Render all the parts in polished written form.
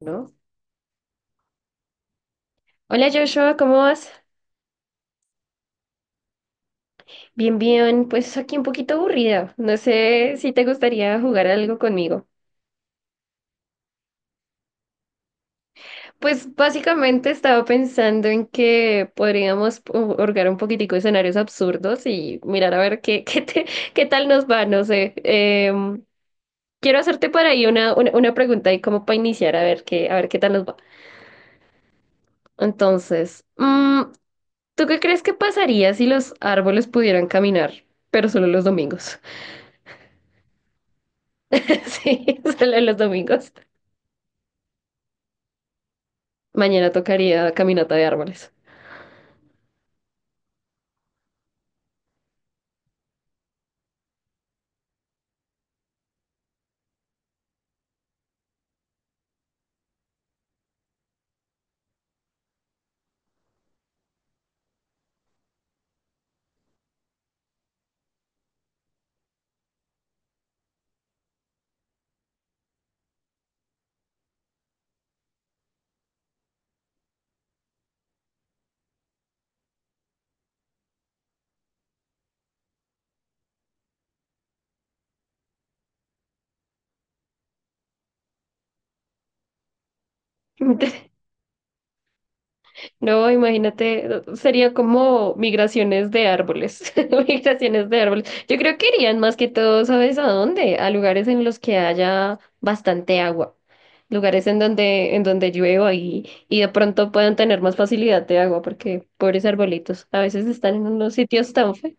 ¿No? Hola Joshua, ¿cómo vas? Bien, bien, pues aquí un poquito aburrida. No sé si te gustaría jugar algo conmigo. Pues básicamente estaba pensando en que podríamos orgar un poquitico de escenarios absurdos y mirar a ver qué, qué tal nos va, no sé. Em, Quiero hacerte por ahí una pregunta y como para iniciar a ver qué tal nos va. Entonces, ¿tú qué crees que pasaría si los árboles pudieran caminar, pero solo los domingos? Sí, sale los domingos. Mañana tocaría caminata de árboles. No, imagínate, sería como migraciones de árboles, migraciones de árboles. Yo creo que irían más que todo, ¿sabes a dónde? A lugares en los que haya bastante agua, lugares en donde llueva y de pronto puedan tener más facilidad de agua, porque pobres arbolitos, a veces están en unos sitios tan feos.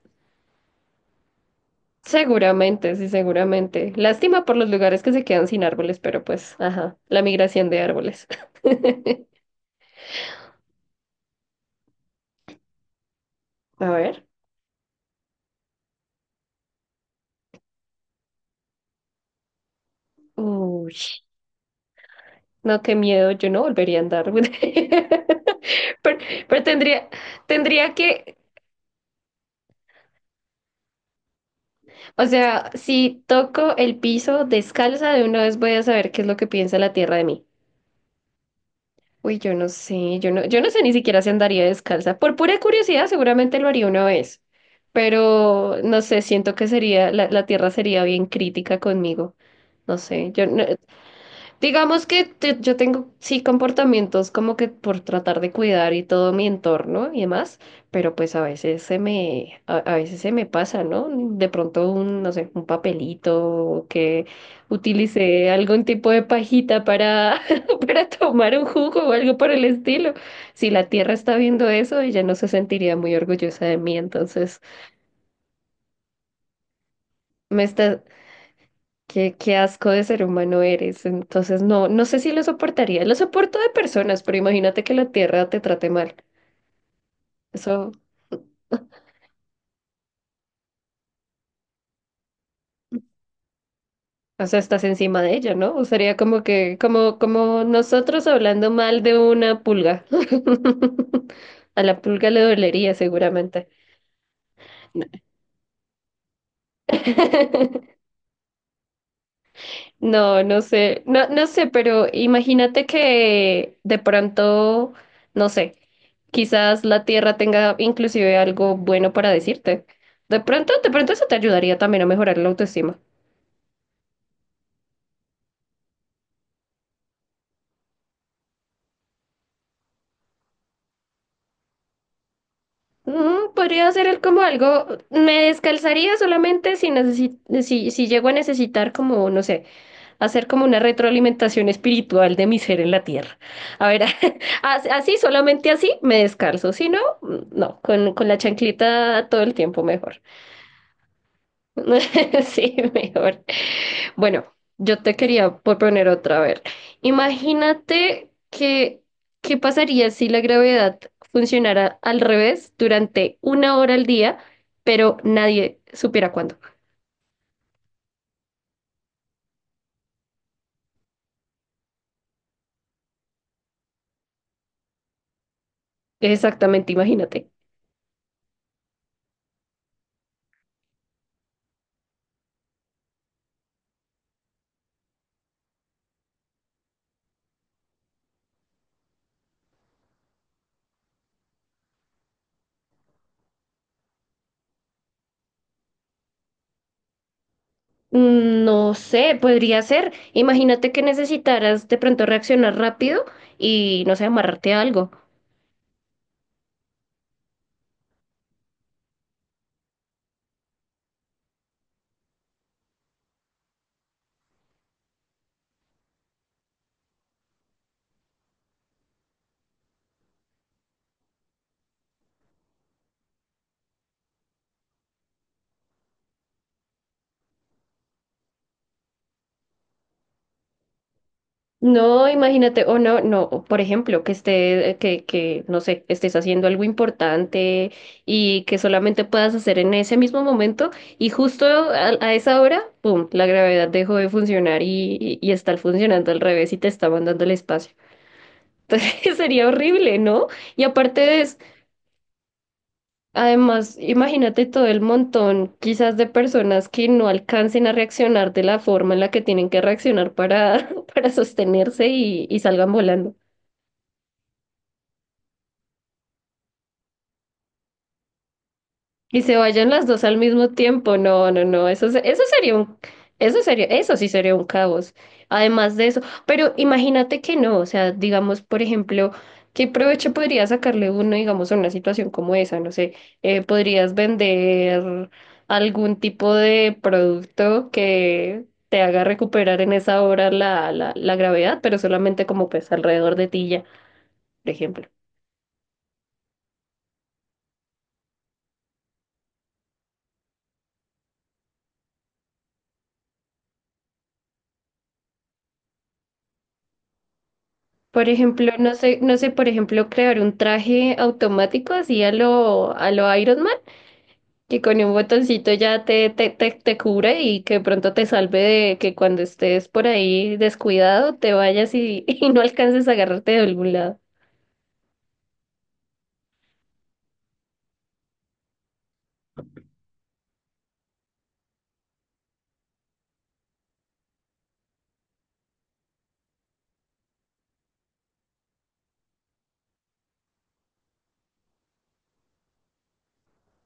Seguramente, sí, seguramente. Lástima por los lugares que se quedan sin árboles, pero pues, ajá, la migración de árboles. A ver. Uy, no, qué miedo, yo no volvería a andar. Pero, pero tendría, tendría que, o sea, si toco el piso descalza, de una vez voy a saber qué es lo que piensa la tierra de mí. Uy, yo no sé, yo no, yo no sé ni siquiera si andaría descalza. Por pura curiosidad, seguramente lo haría una vez, pero no sé, siento que sería, la tierra sería bien crítica conmigo. No sé, yo no- digamos que yo tengo, sí, comportamientos como que por tratar de cuidar y todo mi entorno y demás, pero pues a veces se me, a veces se me pasa, ¿no? De pronto un, no sé, un papelito o que utilicé algún tipo de pajita para, para tomar un jugo o algo por el estilo. Si la tierra está viendo eso, ella no se sentiría muy orgullosa de mí, entonces me está, qué, qué asco de ser humano eres. Entonces, no, no sé si lo soportaría. Lo soporto de personas, pero imagínate que la tierra te trate mal. Eso, o sea, estás encima de ella, ¿no? O sería como que, como, como nosotros hablando mal de una pulga. A la pulga le dolería seguramente. No, no sé, no, no sé, pero imagínate que de pronto, no sé, quizás la Tierra tenga inclusive algo bueno para decirte. De pronto eso te ayudaría también a mejorar la autoestima. Podría ser el como algo, me descalzaría solamente si, si, si llego a necesitar como, no sé, hacer como una retroalimentación espiritual de mi ser en la tierra. A ver, así, solamente así me descalzo, si no, no, con la chancleta todo el tiempo mejor. Sí, mejor. Bueno, yo te quería proponer otra vez. Imagínate que, ¿qué pasaría si la gravedad funcionara al revés durante una hora al día, pero nadie supiera cuándo? Exactamente, imagínate. Mm, no sé, podría ser. Imagínate que necesitaras de pronto reaccionar rápido y no sé, amarrarte a algo. No, imagínate, o no, no, o por ejemplo, que esté, que, no sé, estés haciendo algo importante y que solamente puedas hacer en ese mismo momento y justo a esa hora, pum, la gravedad dejó de funcionar y está funcionando al revés y te está mandando el espacio. Entonces sería horrible, ¿no? Y aparte de, además, imagínate todo el montón quizás de personas que no alcancen a reaccionar de la forma en la que tienen que reaccionar para, para sostenerse y salgan volando. Y se vayan las dos al mismo tiempo. No, no, no. Eso, eso sería un, eso sería, eso sí sería un caos. Además de eso. Pero imagínate que no. O sea, digamos, por ejemplo, ¿qué provecho podría sacarle uno, digamos, a una situación como esa? No sé, podrías vender algún tipo de producto que te haga recuperar en esa hora la gravedad, pero solamente como pues alrededor de ti ya, por ejemplo. Por ejemplo, no sé, no sé, por ejemplo, crear un traje automático así a lo Iron Man, que con un botoncito ya te cubre y que de pronto te salve de que cuando estés por ahí descuidado te vayas y, y no alcances a agarrarte de algún lado.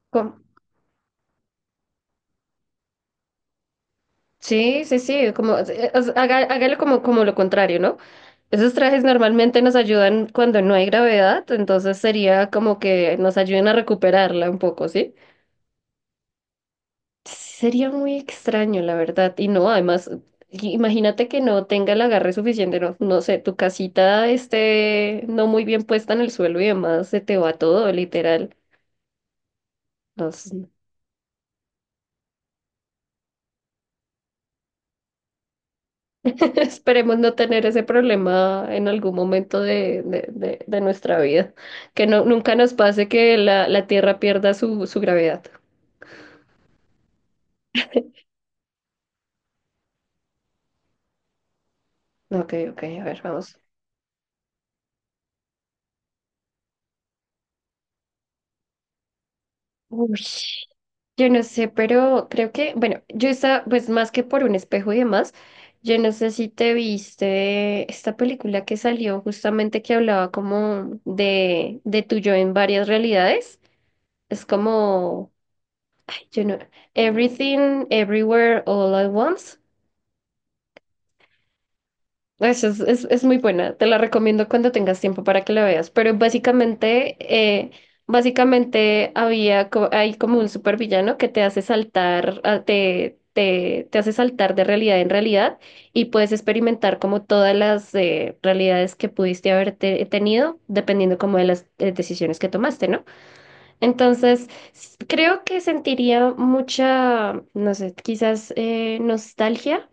¿Cómo? Sí, sí, sí, como, o sea, hágalo como, como lo contrario, ¿no? Esos trajes normalmente nos ayudan cuando no hay gravedad, entonces sería como que nos ayuden a recuperarla un poco, ¿sí? Sería muy extraño, la verdad. Y no, además, imagínate que no tenga el agarre suficiente, no, no sé, tu casita esté no muy bien puesta en el suelo y demás, se te va todo, literal. Nos- esperemos no tener ese problema en algún momento de, de nuestra vida. Que no, nunca nos pase que la Tierra pierda su, su gravedad. Ok, ok, a ver, vamos. Uy. Yo no sé, pero creo que, bueno, yo estaba, pues más que por un espejo y demás, yo no sé si te viste esta película que salió justamente que hablaba como de tu yo en varias realidades. Es como, ay, yo no, Everything, Everywhere, All at Once. Eso es muy buena, te la recomiendo cuando tengas tiempo para que la veas, pero básicamente, básicamente había, hay como un supervillano que te hace saltar, ah, te hace saltar de realidad en realidad y puedes experimentar como todas las realidades que pudiste haber tenido dependiendo como de las decisiones que tomaste, ¿no? Entonces, creo que sentiría mucha, no sé, quizás nostalgia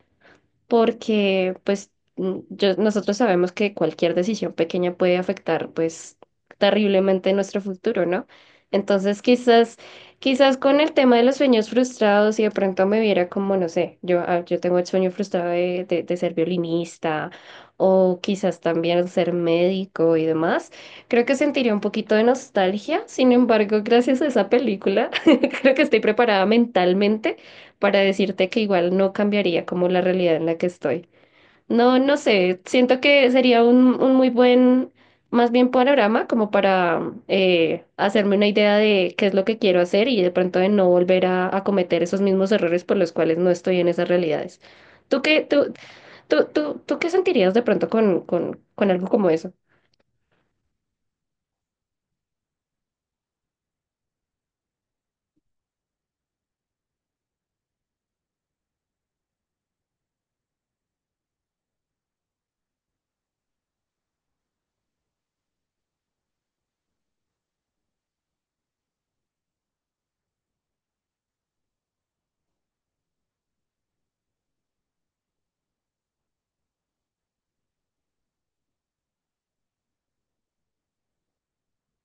porque pues mm, nosotros sabemos que cualquier decisión pequeña puede afectar pues terriblemente nuestro futuro, ¿no? Entonces quizás, quizás con el tema de los sueños frustrados y de pronto me viera como, no sé, yo, ah, yo tengo el sueño frustrado de ser violinista o quizás también ser médico y demás, creo que sentiría un poquito de nostalgia, sin embargo, gracias a esa película, creo que estoy preparada mentalmente para decirte que igual no cambiaría como la realidad en la que estoy. No, no sé, siento que sería un muy buen, más bien panorama como para hacerme una idea de qué es lo que quiero hacer y de pronto de no volver a cometer esos mismos errores por los cuales no estoy en esas realidades. ¿Tú qué, tú qué sentirías de pronto con algo como eso?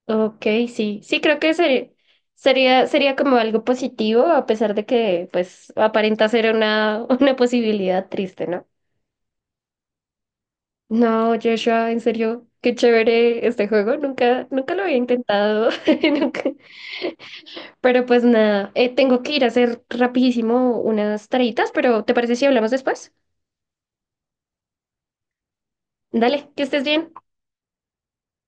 Ok, sí, sí, creo que sería, sería, sería como algo positivo, a pesar de que, pues, aparenta ser una, una posibilidad triste, ¿no? No, Joshua, en serio, qué chévere este juego, nunca, nunca lo había intentado, nunca. Pero pues nada, tengo que ir a hacer rapidísimo unas tareitas, pero ¿te parece si hablamos después? Dale, que estés bien.